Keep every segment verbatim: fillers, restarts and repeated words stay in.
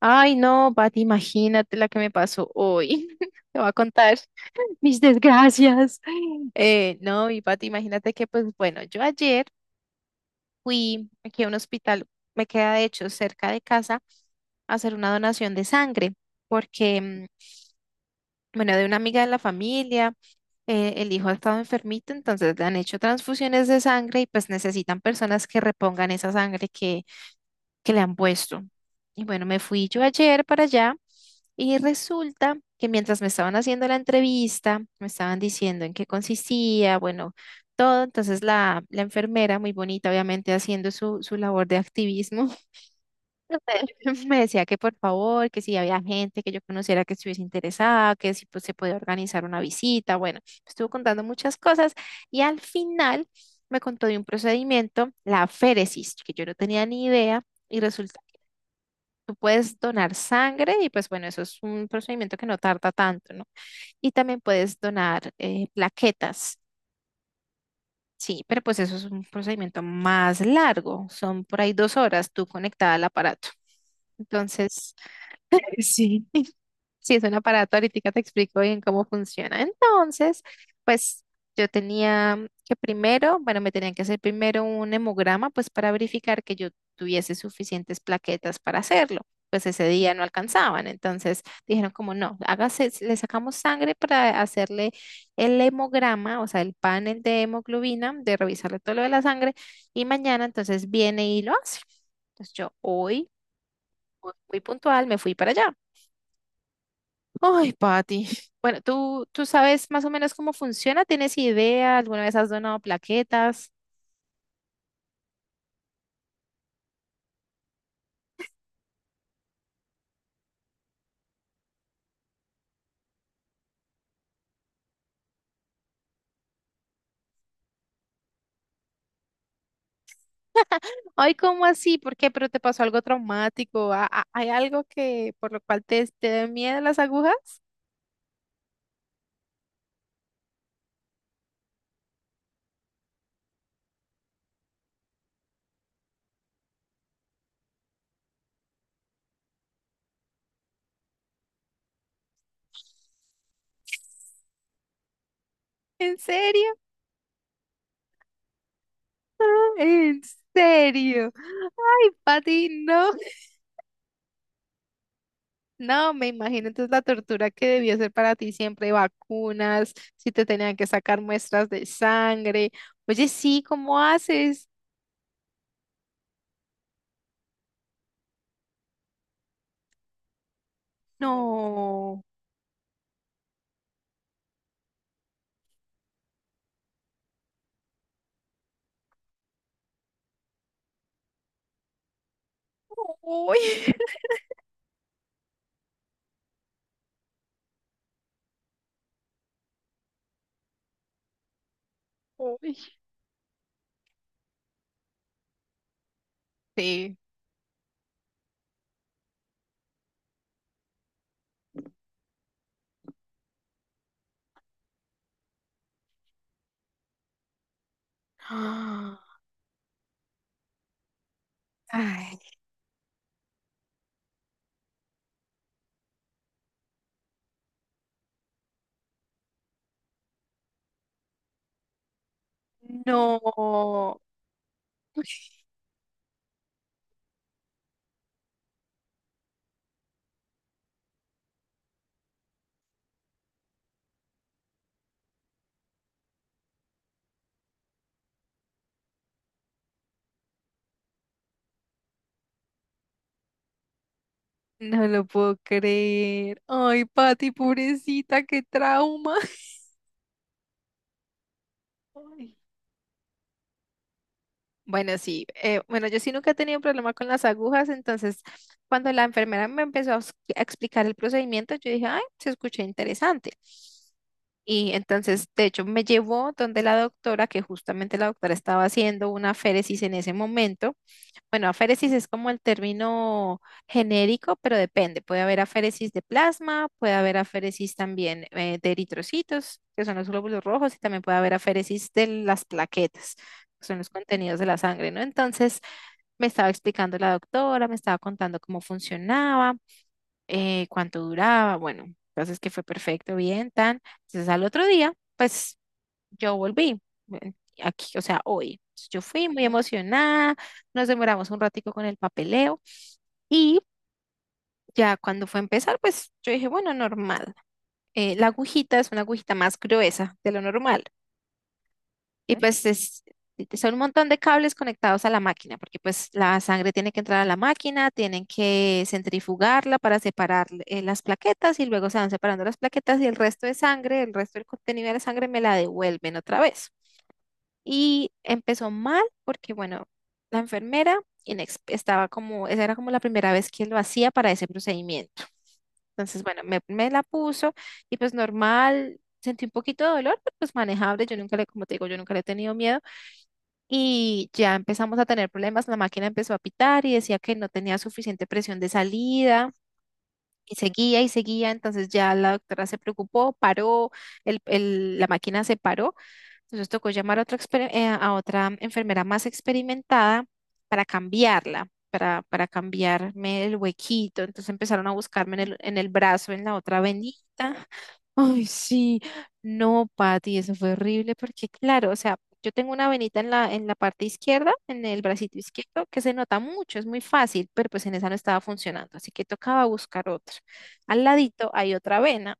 Ay, no, Pati, imagínate la que me pasó hoy. Te voy a contar mis desgracias. Eh, no, Y Pati, imagínate que, pues bueno, yo ayer fui aquí a un hospital, me queda de hecho cerca de casa, a hacer una donación de sangre, porque, mm, bueno, de una amiga de la familia, eh, el hijo ha estado enfermito, entonces le han hecho transfusiones de sangre y pues necesitan personas que repongan esa sangre que le han puesto. Y bueno, me fui yo ayer para allá y resulta que mientras me estaban haciendo la entrevista, me estaban diciendo en qué consistía, bueno, todo. Entonces la, la enfermera, muy bonita, obviamente, haciendo su, su labor de activismo, me decía que por favor, que si había gente que yo conociera que estuviese interesada, que si pues, se podía organizar una visita. Bueno, estuvo contando muchas cosas y al final me contó de un procedimiento, la féresis, que yo no tenía ni idea. Y resulta tú puedes donar sangre y pues bueno, eso es un procedimiento que no tarda tanto, ¿no? Y también puedes donar eh, plaquetas, sí, pero pues eso es un procedimiento más largo, son por ahí dos horas tú conectada al aparato. Entonces, sí, sí, es un aparato, ahorita te explico bien cómo funciona. Entonces, pues yo tenía que primero, bueno, me tenían que hacer primero un hemograma, pues para verificar que yo tuviese suficientes plaquetas para hacerlo. Pues ese día no alcanzaban, entonces dijeron como no, hágase, le sacamos sangre para hacerle el hemograma, o sea, el panel de hemoglobina, de revisarle todo lo de la sangre, y mañana entonces viene y lo hace. Entonces yo hoy, muy puntual, me fui para allá. Ay, Pati. Bueno, ¿tú, tú sabes más o menos cómo funciona? ¿Tienes idea? ¿Alguna vez has donado plaquetas? Ay, ¿cómo así? ¿Por qué? ¿Pero te pasó algo traumático? ¿Ha- ha- ¿Hay algo que por lo cual te, te den miedo las agujas? ¿En serio? ¿En serio? Ay, Pati, no. No, me imagino entonces la tortura que debió ser para ti siempre, vacunas, si te tenían que sacar muestras de sangre. Oye, sí, ¿cómo haces? No. Uy. Uy. Sí. ¡Ah! Ay, no, no lo puedo creer. Ay, Pati, pobrecita, qué trauma. Ay. Bueno, sí, eh, bueno, yo sí nunca he tenido problema con las agujas, entonces cuando la enfermera me empezó a ex- a explicar el procedimiento, yo dije, ay, se escucha interesante. Y entonces, de hecho, me llevó donde la doctora, que justamente la doctora estaba haciendo una féresis en ese momento. Bueno, aféresis es como el término genérico, pero depende. Puede haber aféresis de plasma, puede haber aféresis también eh, de eritrocitos, que son los glóbulos rojos, y también puede haber aféresis de las plaquetas, que son los contenidos de la sangre, ¿no? Entonces, me estaba explicando la doctora, me estaba contando cómo funcionaba, eh, cuánto duraba, bueno, entonces que fue perfecto, bien, tan. Entonces, al otro día, pues yo volví eh, aquí, o sea, hoy. Yo fui muy emocionada, nos demoramos un ratico con el papeleo y ya cuando fue a empezar, pues yo dije, bueno, normal. Eh, la agujita es una agujita más gruesa de lo normal y ¿eh? Pues es, son un montón de cables conectados a la máquina porque pues la sangre tiene que entrar a la máquina, tienen que centrifugarla para separar eh, las plaquetas y luego se van separando las plaquetas y el resto de sangre, el resto del contenido de la sangre me la devuelven otra vez. Y empezó mal porque, bueno, la enfermera inex- estaba como, esa era como la primera vez que lo hacía para ese procedimiento. Entonces, bueno, me, me la puso y pues normal, sentí un poquito de dolor, pero pues manejable. Yo nunca le, como te digo, yo nunca le he tenido miedo. Y ya empezamos a tener problemas, la máquina empezó a pitar y decía que no tenía suficiente presión de salida. Y seguía y seguía, entonces ya la doctora se preocupó, paró, el, el- la máquina se paró, entonces tocó llamar a otra, exper- eh, a otra enfermera más experimentada para cambiarla, para, para cambiarme el huequito, entonces empezaron a buscarme en el, en el brazo, en la otra venita. Ay, sí, no, Pati, eso fue horrible porque, claro, o sea, yo tengo una venita en la, en la parte izquierda, en el bracito izquierdo, que se nota mucho, es muy fácil, pero pues en esa no estaba funcionando, así que tocaba buscar otra. Al ladito hay otra vena,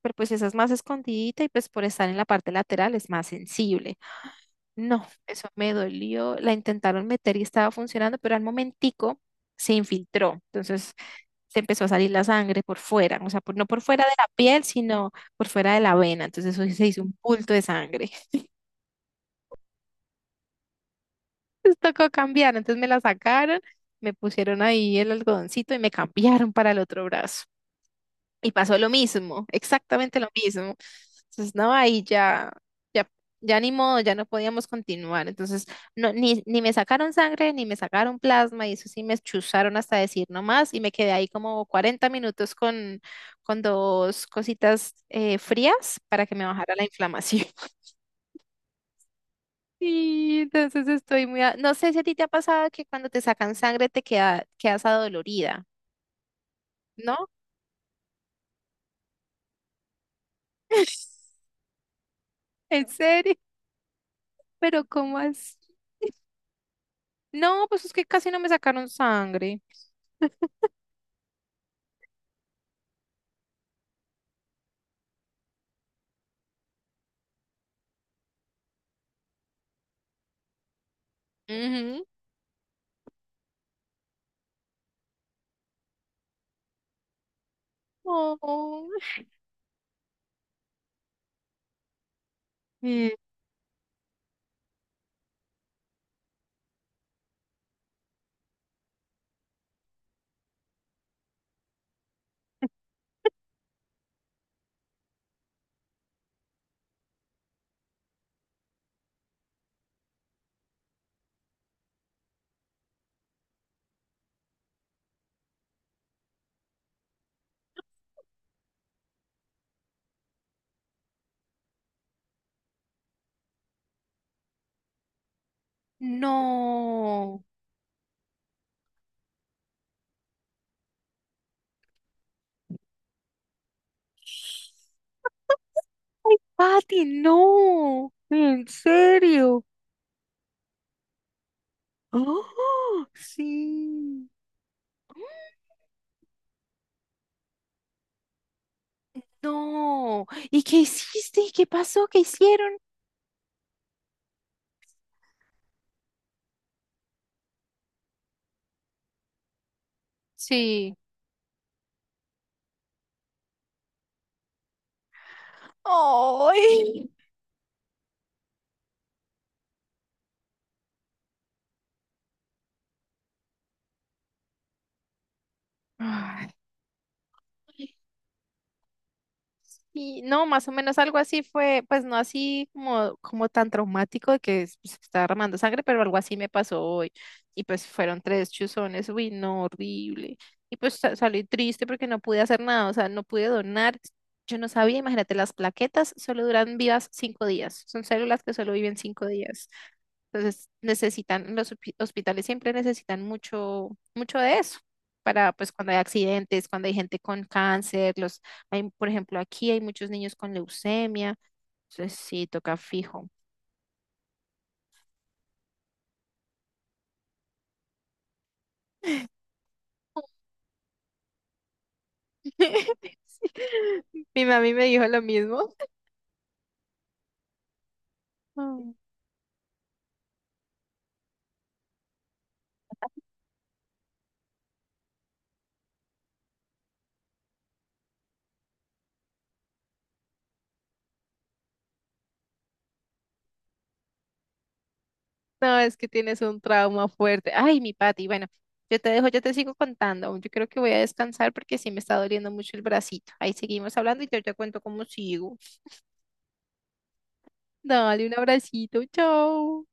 pero pues esa es más escondidita y pues por estar en la parte lateral es más sensible. No, eso me dolió, la intentaron meter y estaba funcionando, pero al momentico se infiltró, entonces se empezó a salir la sangre por fuera, o sea, por- no por fuera de la piel, sino por fuera de la vena. Entonces eso se hizo un bulto de sangre. Entonces tocó cambiar, entonces me la sacaron, me pusieron ahí el algodoncito y me cambiaron para el otro brazo. Y pasó lo mismo, exactamente lo mismo. Entonces, no, ahí ya, ya, ya ni modo, ya no podíamos continuar. Entonces, no, ni, ni me sacaron sangre, ni me sacaron plasma, y eso sí me chuzaron hasta decir no más, y me quedé ahí como cuarenta minutos con, con dos cositas eh, frías para que me bajara la inflamación. Y entonces estoy muy, a- no sé si a ti te ha pasado que cuando te sacan sangre te queda, quedas adolorida, ¿no? ¿En serio? Pero ¿cómo así? No, pues es que casi no me sacaron sangre. Ujú. Oh, eh, no. Ay, Pati, no. ¿En serio? Oh, sí. No. ¿Y qué hiciste? ¿Qué pasó? ¿Qué hicieron? Sí. Ay. Ay. Y no, más o menos algo así fue, pues no así como, como tan traumático de que se estaba armando sangre, pero algo así me pasó hoy. Y pues fueron tres chuzones, uy, no, horrible. Y pues sa- salí triste porque no pude hacer nada, o sea, no pude donar. Yo no sabía, imagínate, las plaquetas solo duran vivas cinco días, son células que solo viven cinco días. Entonces necesitan, los hospi- hospitales siempre necesitan mucho, mucho de eso para pues cuando hay accidentes, cuando hay gente con cáncer, los, hay, por ejemplo, aquí hay muchos niños con leucemia, entonces sí, toca fijo. Sí. Mi mami me dijo lo mismo. Mm. No, es que tienes un trauma fuerte. Ay, mi Pati, bueno, yo te dejo, yo te sigo contando. Yo creo que voy a descansar porque sí me está doliendo mucho el bracito. Ahí seguimos hablando y yo te cuento cómo sigo. Dale un abracito, chao.